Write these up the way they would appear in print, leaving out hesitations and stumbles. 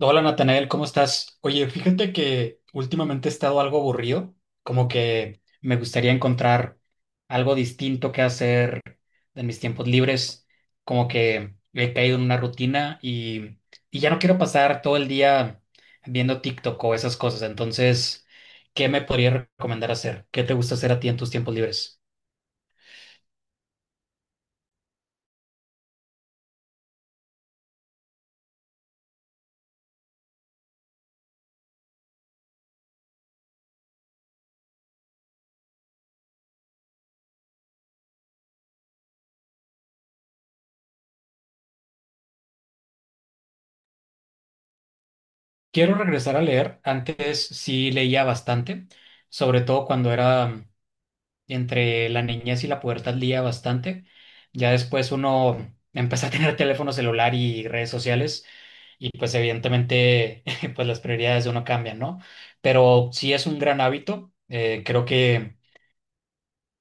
Hola Natanael, ¿cómo estás? Oye, fíjate que últimamente he estado algo aburrido, como que me gustaría encontrar algo distinto que hacer en mis tiempos libres, como que he caído en una rutina y ya no quiero pasar todo el día viendo TikTok o esas cosas, entonces, ¿qué me podría recomendar hacer? ¿Qué te gusta hacer a ti en tus tiempos libres? Quiero regresar a leer, antes sí leía bastante, sobre todo cuando era entre la niñez y la pubertad lía bastante. Ya después uno empezó a tener teléfono celular y redes sociales y pues evidentemente pues las prioridades de uno cambian, ¿no? Pero sí es un gran hábito. Creo que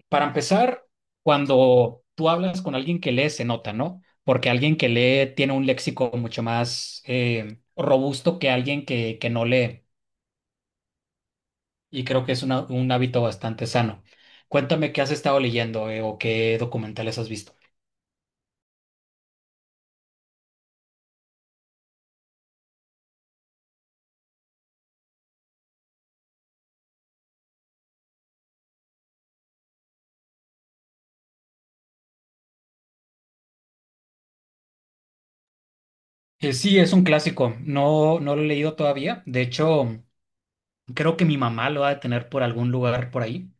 para empezar, cuando tú hablas con alguien que lee, se nota, ¿no? Porque alguien que lee tiene un léxico mucho más robusto que alguien que no lee. Y creo que es una- un hábito bastante sano. Cuéntame qué has estado leyendo o qué documentales has visto. Sí, es un clásico. No, no lo he leído todavía. De hecho, creo que mi mamá lo ha de tener por algún lugar por ahí.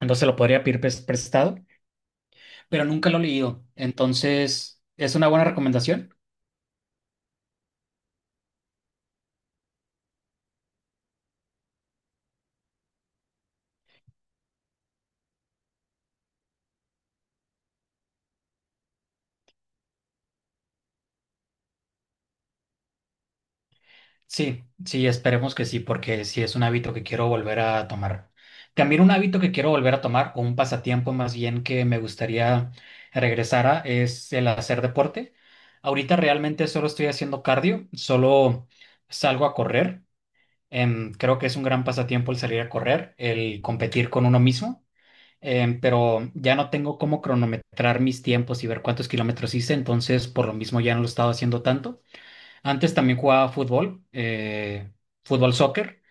Entonces lo podría pedir prestado, pero nunca lo he leído. Entonces, ¿es una buena recomendación? Sí, sí, esperemos que sí, porque sí es un hábito que quiero volver a tomar. También un hábito que quiero volver a tomar, o un pasatiempo más bien que me gustaría regresar a, es el hacer deporte. Ahorita realmente solo estoy haciendo cardio, solo salgo a correr. Creo que es un gran pasatiempo el salir a correr, el competir con uno mismo, pero ya no tengo cómo cronometrar mis tiempos y ver cuántos kilómetros hice, entonces por lo mismo ya no lo he estado haciendo tanto. Antes también jugaba fútbol, fútbol soccer,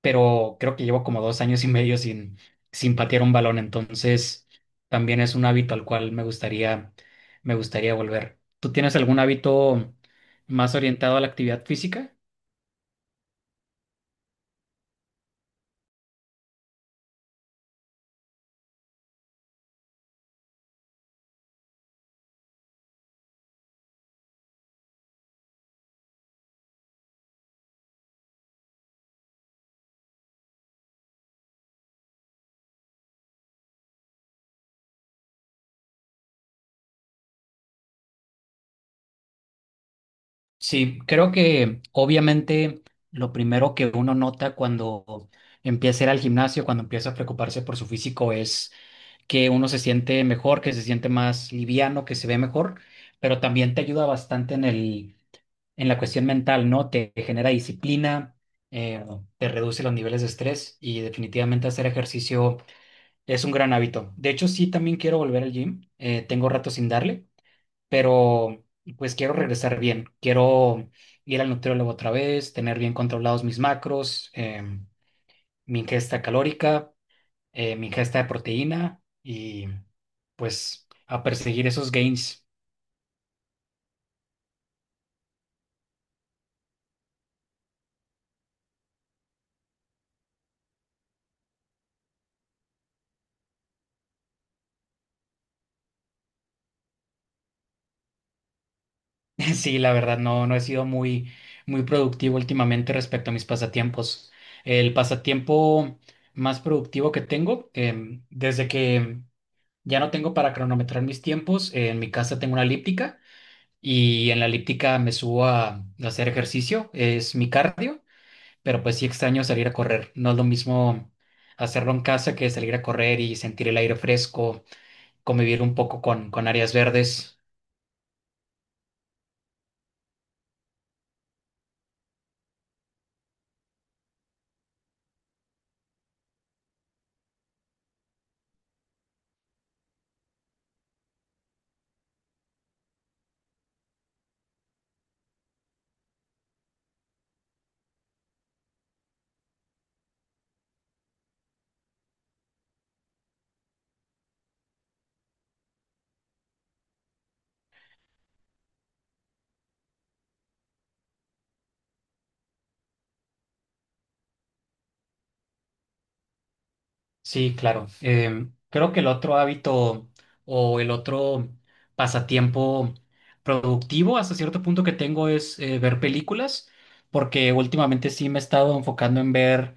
pero creo que llevo como 2 años y medio sin patear un balón, entonces también es un hábito al cual me gustaría volver. ¿Tú tienes algún hábito más orientado a la actividad física? Sí, creo que obviamente lo primero que uno nota cuando empieza a ir al gimnasio, cuando empieza a preocuparse por su físico, es que uno se siente mejor, que se siente más liviano, que se ve mejor, pero también te ayuda bastante en el, en la cuestión mental, ¿no? Te genera disciplina, eh, te reduce los niveles de estrés y definitivamente hacer ejercicio es un gran hábito. De hecho, sí, también quiero volver al gym. Tengo rato sin darle, pero pues quiero regresar bien. Quiero ir al nutriólogo otra vez, tener bien controlados mis macros, em, mi ingesta calórica mi ingesta de proteína y pues a perseguir esos gains. Sí, la verdad, no, no he sido muy, muy productivo últimamente respecto a mis pasatiempos. El pasatiempo más productivo que tengo, desde que ya no tengo para cronometrar mis tiempos, en mi casa tengo una elíptica y en la elíptica me subo a hacer ejercicio, es mi cardio, pero pues sí extraño salir a correr. No es lo mismo hacerlo en casa que salir a correr y sentir el aire fresco convivir un poco con áreas verdes. Sí, claro. Creo que el otro hábito o el otro pasatiempo productivo hasta cierto punto que tengo es ver películas, porque últimamente sí me he estado enfocando en ver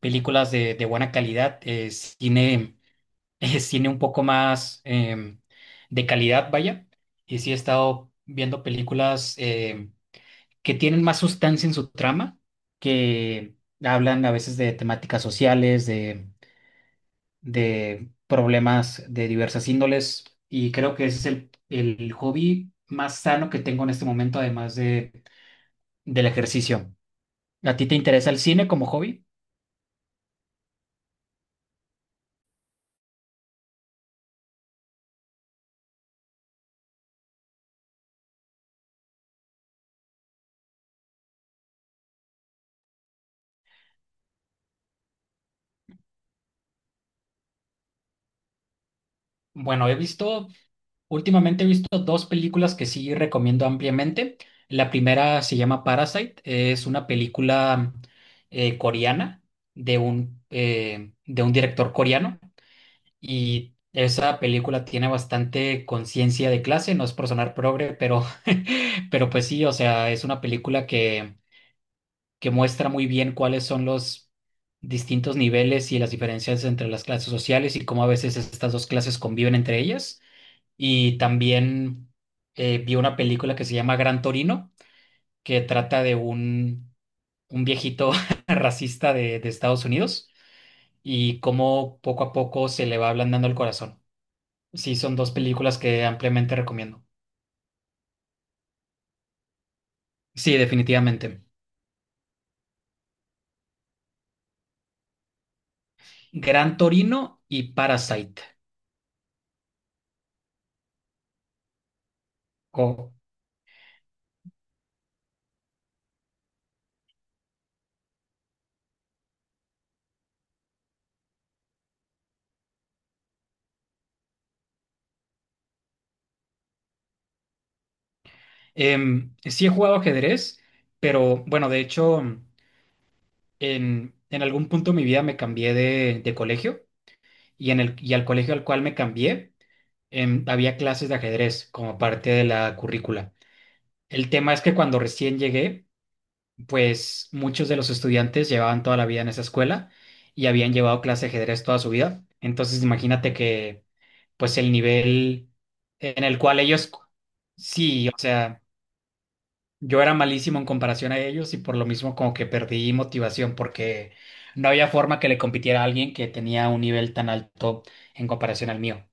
películas de buena calidad, cine, cine un poco más de calidad, vaya. Y sí he estado viendo películas. Que tienen más sustancia en su trama, que hablan a veces de temáticas sociales, de problemas de diversas índoles, y creo que ese es el hobby más sano que tengo en este momento, además del ejercicio. ¿A ti te interesa el cine como hobby? Bueno, últimamente he visto dos películas que sí recomiendo ampliamente. La primera se llama Parasite, es una película coreana de un director coreano. Y esa película tiene bastante conciencia de clase, no es por sonar progre, pero, pero pues sí, o sea, es una película que muestra muy bien cuáles son los distintos niveles y las diferencias entre las clases sociales y cómo a veces estas dos clases conviven entre ellas. Y también vi una película que se llama Gran Torino, que trata de un viejito racista de Estados Unidos y cómo poco a poco se le va ablandando el corazón. Sí, son dos películas que ampliamente recomiendo. Sí, definitivamente. Gran Torino y Parasite. Oh. Sí he jugado ajedrez, pero bueno, de hecho, en algún punto de mi vida me cambié de colegio y al colegio al cual me cambié, había clases de ajedrez como parte de la currícula. El tema es que cuando recién llegué, pues muchos de los estudiantes llevaban toda la vida en esa escuela y habían llevado clase de ajedrez toda su vida. Entonces imagínate que pues el nivel en el cual ellos, sí, o sea, yo era malísimo en comparación a ellos y por lo mismo como que perdí motivación porque no había forma que le compitiera a alguien que tenía un nivel tan alto en comparación al mío.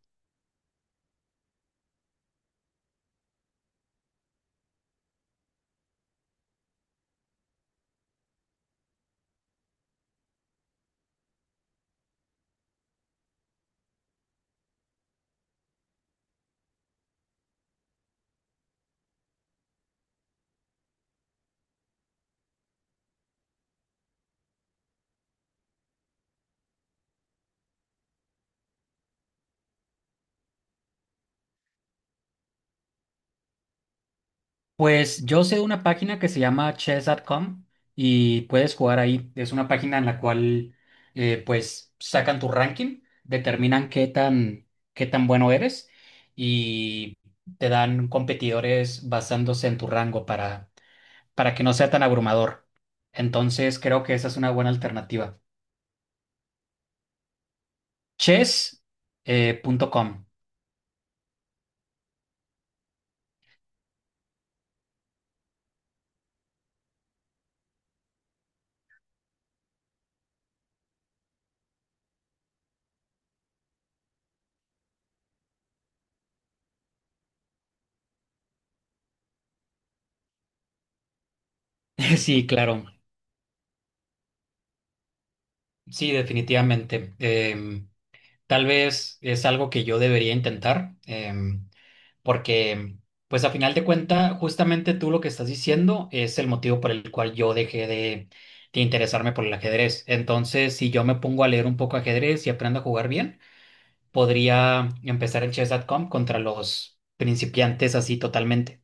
Pues yo sé una página que se llama chess.com y puedes jugar ahí. Es una página en la cual pues sacan tu ranking, determinan qué tan bueno eres y te dan competidores basándose en tu rango para que no sea tan abrumador. Entonces creo que esa es una buena alternativa. Chess punto com. Sí, claro. Sí, definitivamente. Tal vez es algo que yo debería intentar. Porque pues a final de cuenta, justamente tú lo que estás diciendo es el motivo por el cual yo dejé de interesarme por el ajedrez. Entonces, si yo me pongo a leer un poco ajedrez y aprendo a jugar bien, podría empezar el chess.com contra los principiantes así totalmente.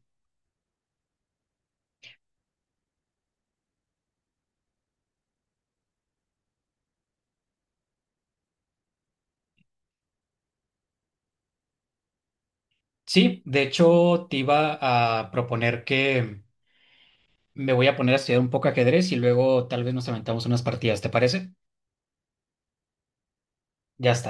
Sí, de hecho te iba a proponer que me voy a poner a estudiar un poco ajedrez y luego tal vez nos aventamos unas partidas, ¿te parece? Ya está.